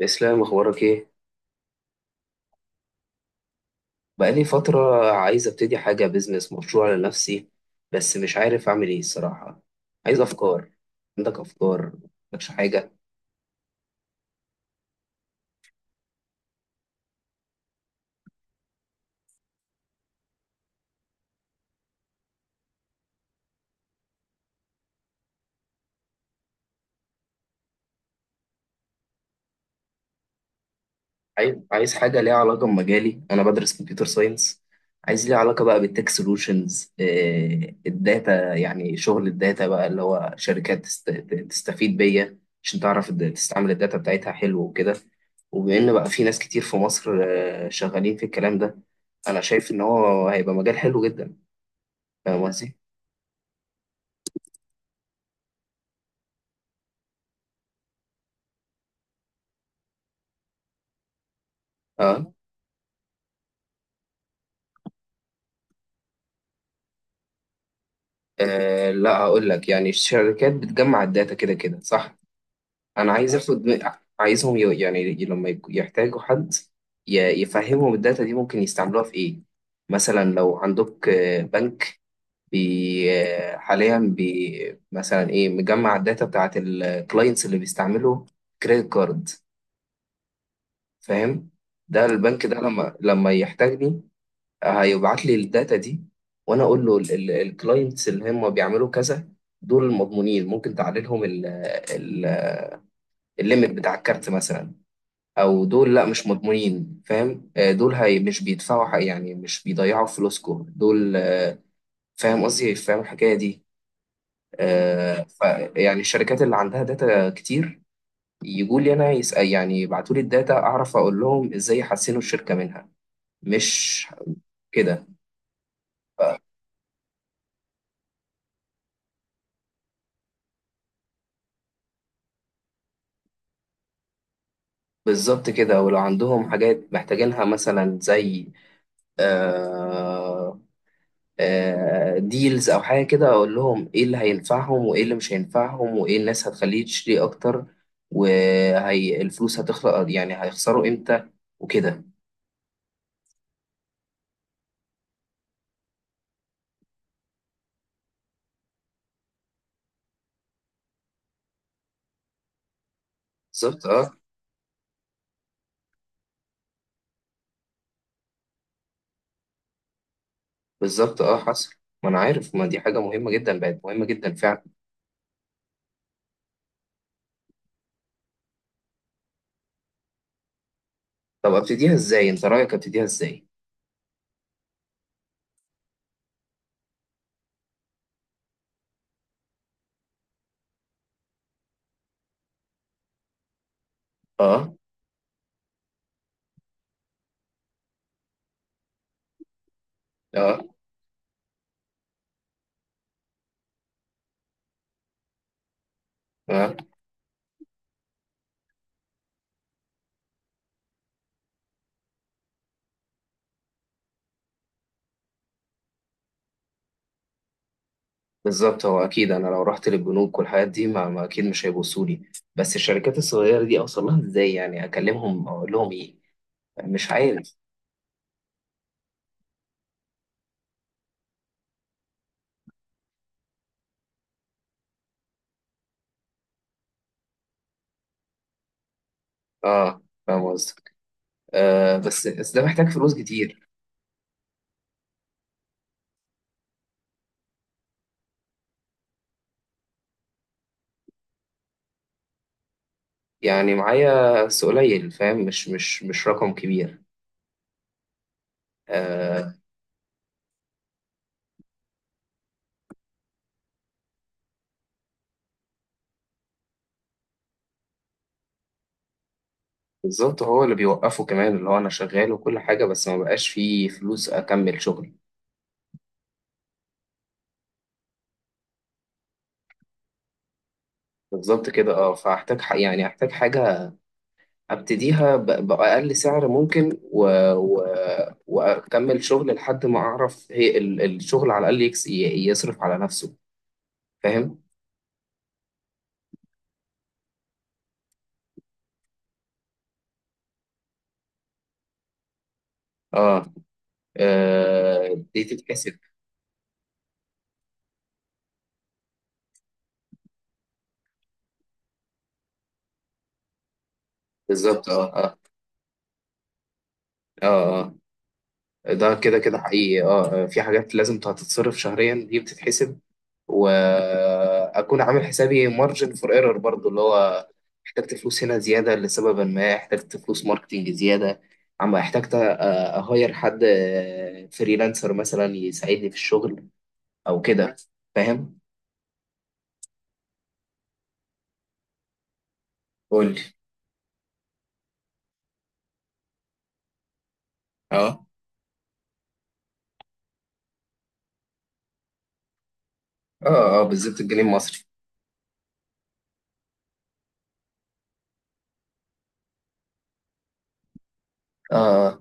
اسلام، اخبارك ايه؟ بقالي فتره عايز ابتدي حاجه، بيزنس، مشروع لنفسي. بس مش عارف اعمل ايه الصراحه. عايز افكار. عندك افكار؟ مش حاجه؟ عايز حاجة ليها علاقة بمجالي، أنا بدرس كمبيوتر ساينس. عايز ليها علاقة بقى بالتك سولوشنز. الداتا، يعني شغل الداتا بقى اللي هو شركات تستفيد بيا. عشان تعرف تستعمل الداتا بتاعتها، حلو وكده. وبإن بقى في ناس كتير في مصر شغالين في الكلام ده. أنا شايف إن هو هيبقى مجال حلو جدا. فاهم قصدي؟ أه. لا، هقول لك يعني الشركات بتجمع الداتا كده كده، صح؟ انا عايز اخد. عايزهم، لما يحتاجوا حد، يفهمهم الداتا دي ممكن يستعملوها في ايه. مثلا لو عندك بنك. بي آه، حاليا مثلا ايه مجمع الداتا بتاعت الكلاينتس اللي بيستعملوا كريدت كارد. فاهم. ده البنك ده لما يحتاجني، هيبعت لي الداتا دي، وانا اقول له الكلاينتس اللي هم بيعملوا كذا، دول مضمونين، ممكن تعلي لهم ال- الليميت بتاع الكارت مثلا. او دول لا، مش مضمونين، فاهم. دول هي مش بيدفعوا حق، يعني مش بيضيعوا فلوسكم دول. فاهم قصدي، فاهم الحكايه دي. آه، ف يعني الشركات اللي عندها داتا كتير يجوا لي انا يسأل، يعني يبعتوا لي الداتا اعرف اقول لهم ازاي يحسنوا الشركه منها. مش كده؟ بالظبط كده، ولو عندهم حاجات محتاجينها مثلا زي آه ديلز او حاجه كده، اقول لهم ايه اللي هينفعهم وايه اللي مش هينفعهم وايه الناس هتخليه تشتري اكتر، وهي الفلوس هتخلق يعني هيخسروا امتى، وكده. بالظبط اه. بالظبط اه، حصل. ما انا عارف، ما دي حاجه مهمه جدا، بقت مهمه جدا فعلا. طب ابتديها ازاي، انت رايك ابتديها ازاي؟ اه، اه، اه. بالظبط، هو اكيد انا لو رحت للبنوك والحاجات دي ما اكيد مش هيبصوا لي. بس الشركات الصغيره دي اوصل لها ازاي؟ يعني اكلمهم اقول لهم ايه؟ مش عارف. اه. فاهم قصدي. بس ده محتاج فلوس كتير. يعني معايا، بس قليل فاهم، مش رقم كبير. آه. بالظبط، هو اللي بيوقفه كمان، اللي هو انا شغال وكل حاجة بس ما بقاش فيه فلوس اكمل شغلي. بالظبط كده، اه. فاحتاج احتاج حاجة ابتديها بأقل سعر ممكن، و... واكمل شغل لحد ما اعرف، هي الشغل على الاقل يصرف على نفسه. فاهم. اه، دي تتحسب. بالظبط، اه، اه، اه، آه. ده كده كده حقيقي، اه. في حاجات لازم هتتصرف شهريا دي بتتحسب، واكون عامل حسابي مارجن فور ايرور برضو، اللي هو احتجت فلوس هنا زياده لسبب ما، احتجت فلوس ماركتينج زياده، عم احتجت اهير حد فريلانسر مثلا يساعدني في الشغل، او كده. فاهم. قول لي. اه، اه، اه، بالظبط، الجنيه المصري. اه،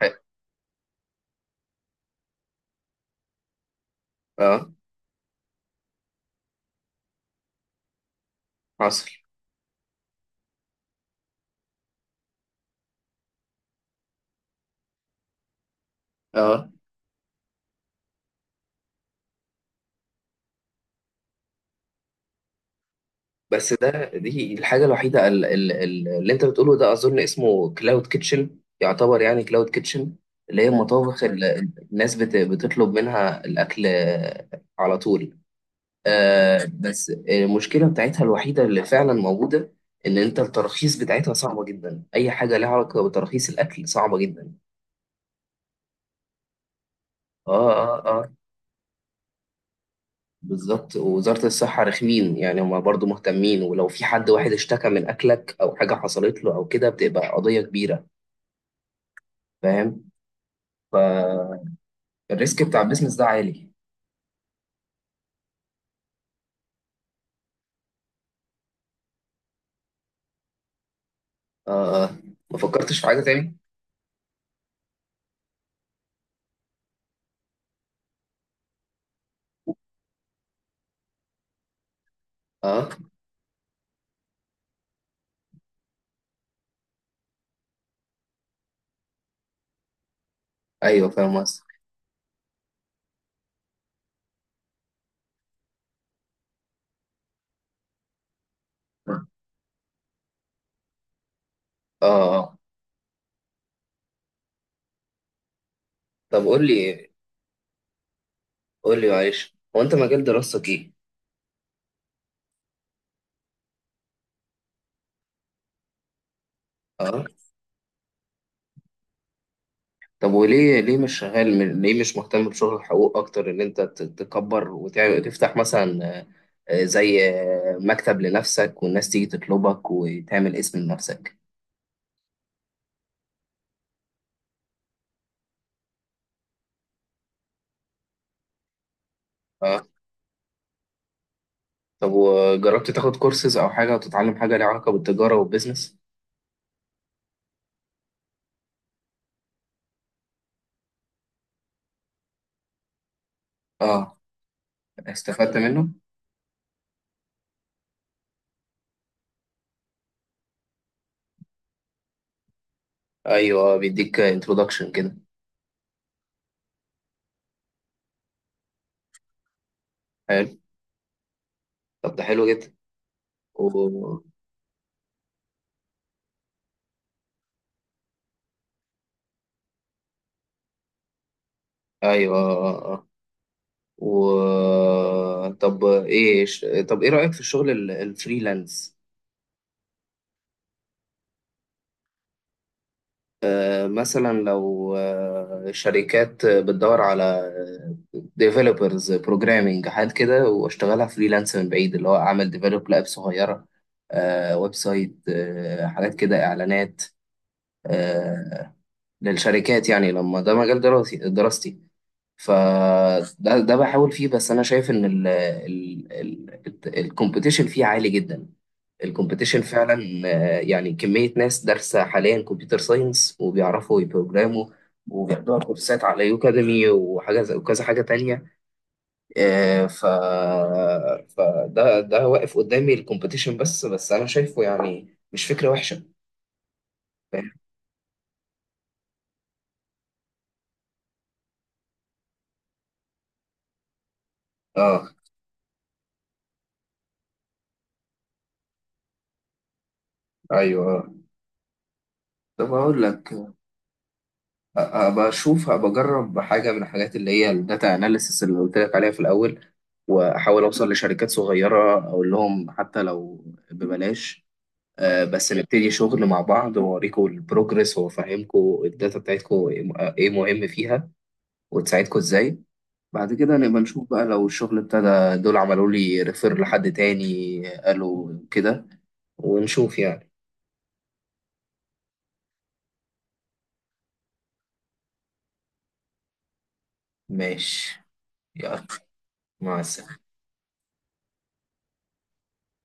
اه، اه، حصل. اه. بس ده، دي الحاجة الوحيدة اللي انت بتقوله ده اظن اسمه كلاود كيتشن. يعتبر يعني كلاود كيتشن، اللي هي المطابخ اللي الناس بتطلب منها الاكل على طول. بس المشكلة بتاعتها الوحيدة اللي فعلا موجودة، ان انت التراخيص بتاعتها صعبة جدا، اي حاجة لها علاقة بتراخيص الاكل صعبة جدا. اه، اه، اه. بالظبط، ووزارة الصحة رخمين يعني، هما برضو مهتمين، ولو في حد واحد اشتكى من اكلك او حاجة حصلت له او كده بتبقى قضية كبيرة. فاهم. فالريسك بتاع البيزنس ده عالي. اه، آه. ما فكرتش في حاجة تاني؟ اه، ايوه، فاهم قصدك. اه، آه. طب قول لي، قول لي معلش، هو انت مجال دراستك ايه؟ اه. طب وليه، ليه مش مهتم بشغل الحقوق اكتر، ان انت تكبر وتعمل تفتح مثلا، زي مكتب لنفسك والناس تيجي تطلبك وتعمل اسم لنفسك. اه. طب، وجربت تاخد كورسز او حاجة وتتعلم حاجة ليها علاقة بالتجارة والبيزنس؟ اه، استفدت منه؟ ايوه، بيديك انترودكشن كده. حلو. طب، ده حلو جدا. و ايوه، آه. آه. و طب ايه رأيك في الشغل الفريلانس؟ مثلا لو شركات بتدور على ديفلوبرز بروجرامينج حاجات كده، واشتغلها فريلانس من بعيد، اللي هو اعمل ديفلوب لاب صغيرة، ويب سايت، حاجات كده، اعلانات، آه، للشركات يعني، لما ده مجال دراستي، فده بحاول فيه، بس انا شايف ان ال ال ال الكومبيتيشن فيه عالي جدا. الكومبيتيشن فعلا. يعني كمية ناس دارسة حاليا كمبيوتر ساينس وبيعرفوا يبروجراموا، وبياخدوها كورسات على يوكاديمي، وكذا حاجة تانية. آه، ف فده واقف قدامي الكومبيتيشن، بس انا شايفه يعني مش فكرة وحشة. فاهم؟ اه. ايوه، آه. طب اقول لك، بشوف، بجرب حاجة من الحاجات اللي هي الداتا اناليسيس اللي قلت لك عليها في الأول، وأحاول أوصل لشركات صغيرة أقول لهم حتى لو ببلاش، بس نبتدي شغل مع بعض وأوريكم البروجرس، وأفهمكم الداتا بتاعتكم إيه مهم فيها، وتساعدكم إزاي. بعد كده نبقى نشوف بقى، لو الشغل ابتدى دول عملوا لي ريفير لحد تاني قالوا كده، ونشوف يعني. ماشي. يلا، مع السلامة.